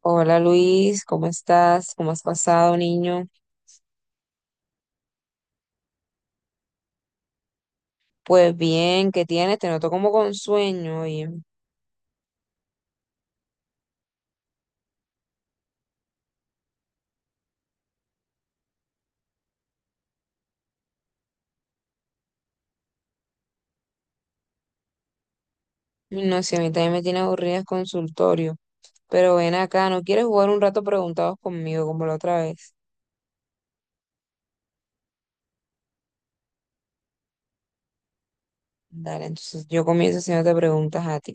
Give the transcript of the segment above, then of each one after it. Hola Luis, ¿cómo estás? ¿Cómo has pasado, niño? Pues bien, ¿qué tienes? Te noto como con sueño, oye. No sé, a mí también me tiene aburrida el consultorio. Pero ven acá, ¿no quieres jugar un rato preguntados conmigo como la otra vez? Dale, entonces yo comienzo haciéndote preguntas a ti.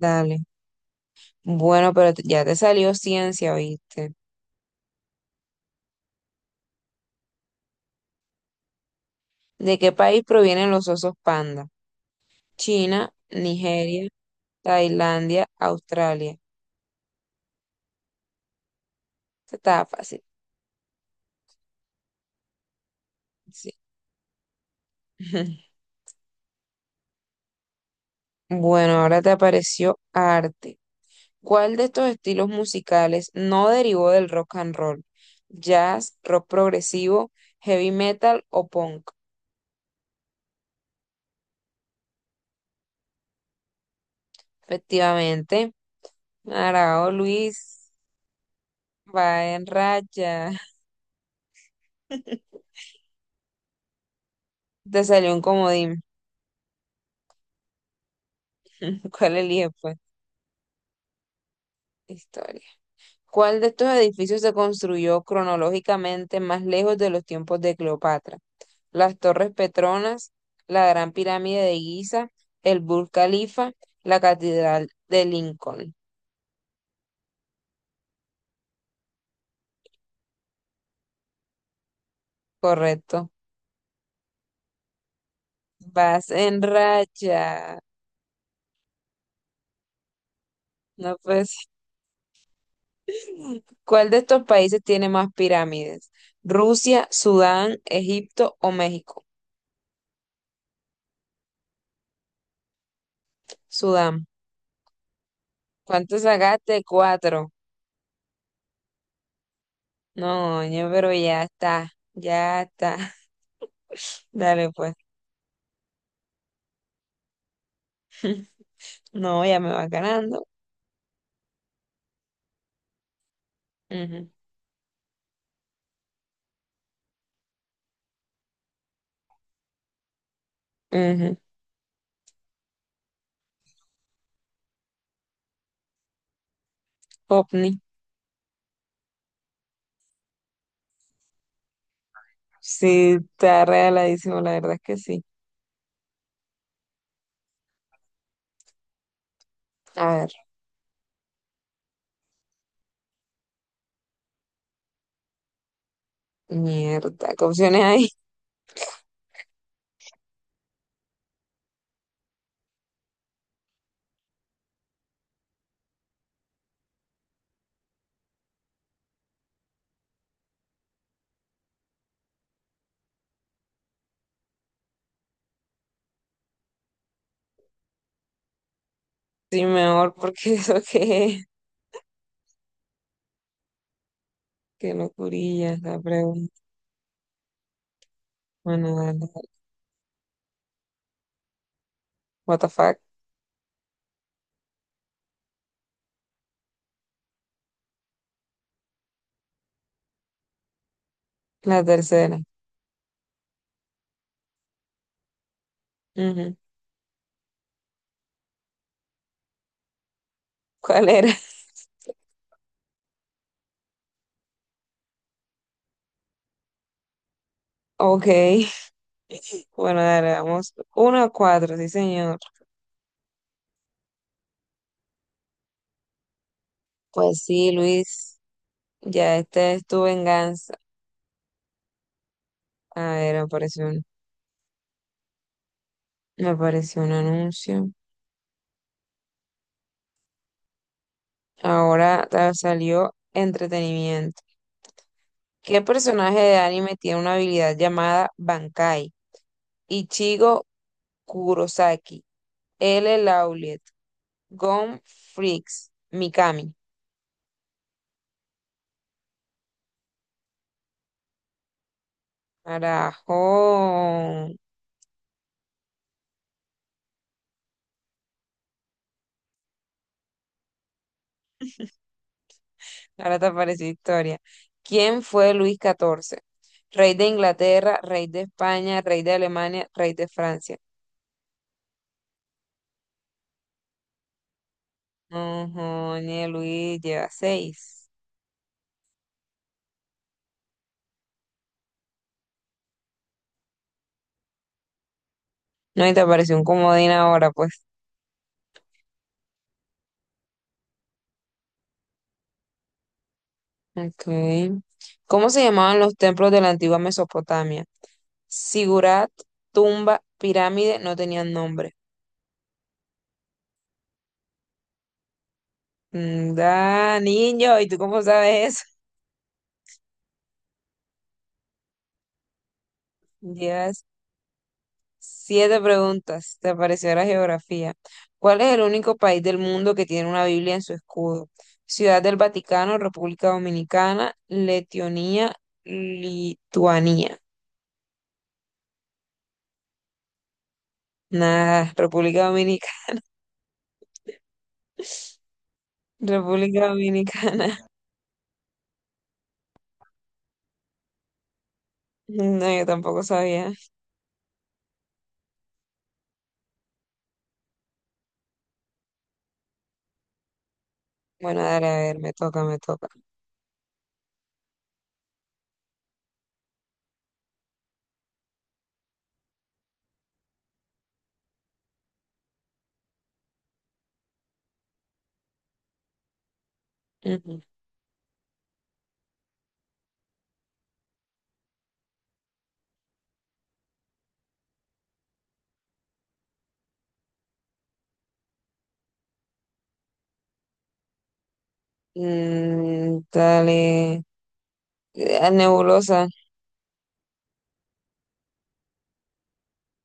Dale. Bueno, pero ya te salió ciencia, ¿viste? ¿De qué país provienen los osos panda? China, Nigeria, Tailandia, Australia. Estaba fácil, sí. Bueno, ahora te apareció arte. ¿Cuál de estos estilos musicales no derivó del rock and roll? ¿Jazz, rock progresivo, heavy metal o punk? Efectivamente, Arao Luis va en raya. Te salió un comodín. ¿Cuál eliges, pues? Historia. ¿Cuál de estos edificios se construyó cronológicamente más lejos de los tiempos de Cleopatra? Las Torres Petronas, la Gran Pirámide de Giza, el Burj Khalifa, la Catedral de Lincoln. Correcto. Vas en racha. No pues. ¿Cuál de estos países tiene más pirámides? ¿Rusia, Sudán, Egipto o México? Sudán. ¿Cuánto sacaste? Cuatro. No, ñe, pero ya está, ya está. Dale, pues. No, ya me va ganando. Ujú, ujú. Popni. Sí, está regaladísimo, la verdad es que sí. A ver, mierda, ¿qué opciones hay? Sí, mejor, porque eso que es. Qué locurilla la pregunta. Bueno, dale, dale. What the fuck? La tercera. Ujú. ¿Cuál era? Ok. Bueno, dale, vamos. Uno a cuatro, sí, señor. Pues sí, Luis. Ya, esta es tu venganza. A ver, me apareció un anuncio. Ahora salió entretenimiento. ¿Qué personaje de anime tiene una habilidad llamada Bankai? Ichigo Kurosaki, L. Lauliet, Gon Freaks, Mikami. Carajo. Ahora te apareció historia. ¿Quién fue Luis XIV? Rey de Inglaterra, rey de España, rey de Alemania, rey de Francia. Ujú, ni Luis lleva seis. No, y te apareció un comodín ahora, pues. Ok. ¿Cómo se llamaban los templos de la antigua Mesopotamia? Sigurat, tumba, pirámide, no tenían nombre. Mm, da, niño, ¿y tú cómo sabes eso? Llevas siete preguntas. Te apareció la geografía. ¿Cuál es el único país del mundo que tiene una Biblia en su escudo? Ciudad del Vaticano, República Dominicana, Letonia, Lituania. Nada, República Dominicana. República Dominicana. No, yo tampoco sabía. Bueno, dale, a ver, me toca, me toca. Ujú. Mm, dale. Ah, nebulosa.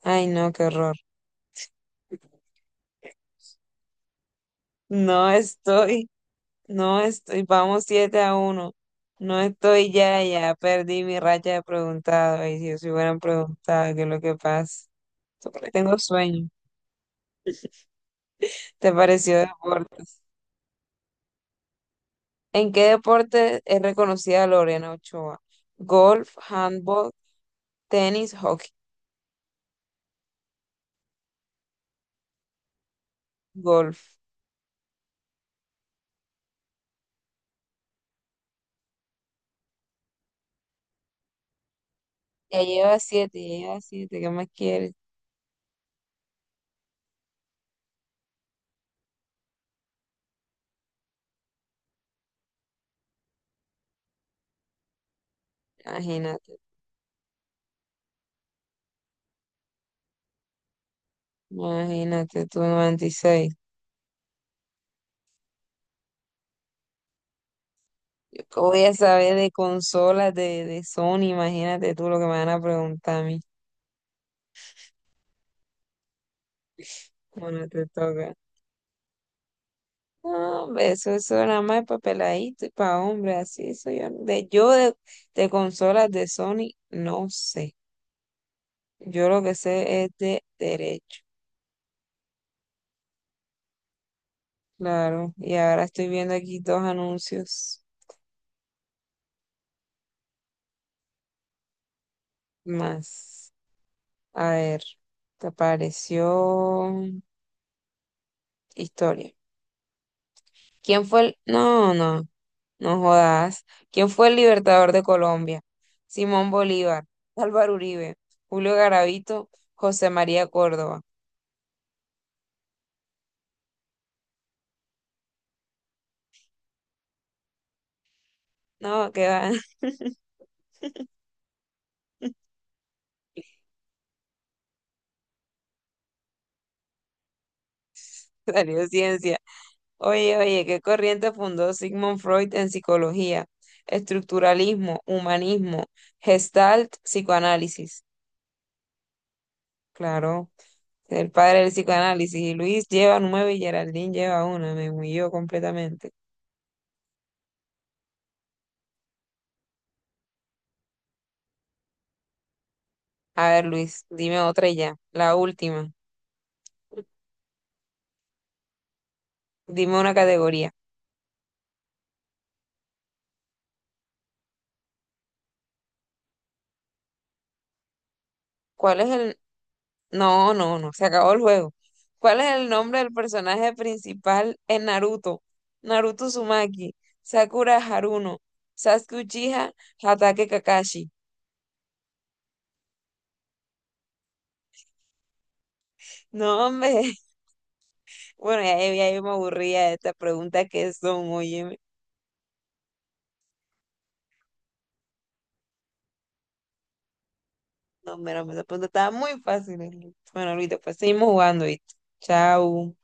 Ay, no, qué horror. No estoy, no estoy. Vamos 7 a uno. No estoy ya, ya perdí mi racha de preguntado. Y si os hubieran preguntado qué es lo que pasa. Tengo sueño. ¿Te pareció deporte? ¿En qué deporte es reconocida Lorena Ochoa? Golf, handball, tenis, hockey, golf. Ya lleva siete, ¿qué más quieres? Imagínate, imagínate tú, 96. ¿Qué voy a saber de consolas de Sony? Imagínate tú lo que me van a preguntar a mí. Bueno, te toca. No, hombre, eso nada más para peladito y para hombre, así soy yo. De consolas de Sony no sé. Yo lo que sé es de derecho. Claro, y ahora estoy viendo aquí dos anuncios más. A ver, te apareció historia. ¿Quién fue el...? No, no jodas. ¿Quién fue el libertador de Colombia? Simón Bolívar, Álvaro Uribe, Julio Garavito, José María Córdoba. No, qué va. Salió ciencia. Oye, oye, ¿qué corriente fundó Sigmund Freud en psicología? Estructuralismo, humanismo, Gestalt, psicoanálisis. Claro. El padre del psicoanálisis, y Luis lleva nueve y Geraldine lleva una. Me humilló completamente. A ver, Luis, dime otra y ya. La última. Dime una categoría. ¿Cuál es el... No, se acabó el juego. ¿Cuál es el nombre del personaje principal en Naruto? Naruto Uzumaki, Sakura Haruno, Sasuke Uchiha, Hatake Kakashi. No, hombre. Bueno, ya yo me aburría de estas preguntas que son, oye. No, mira, esa pregunta estaba muy fácil. Bueno, Luis, después seguimos jugando, ¿viste? Chao.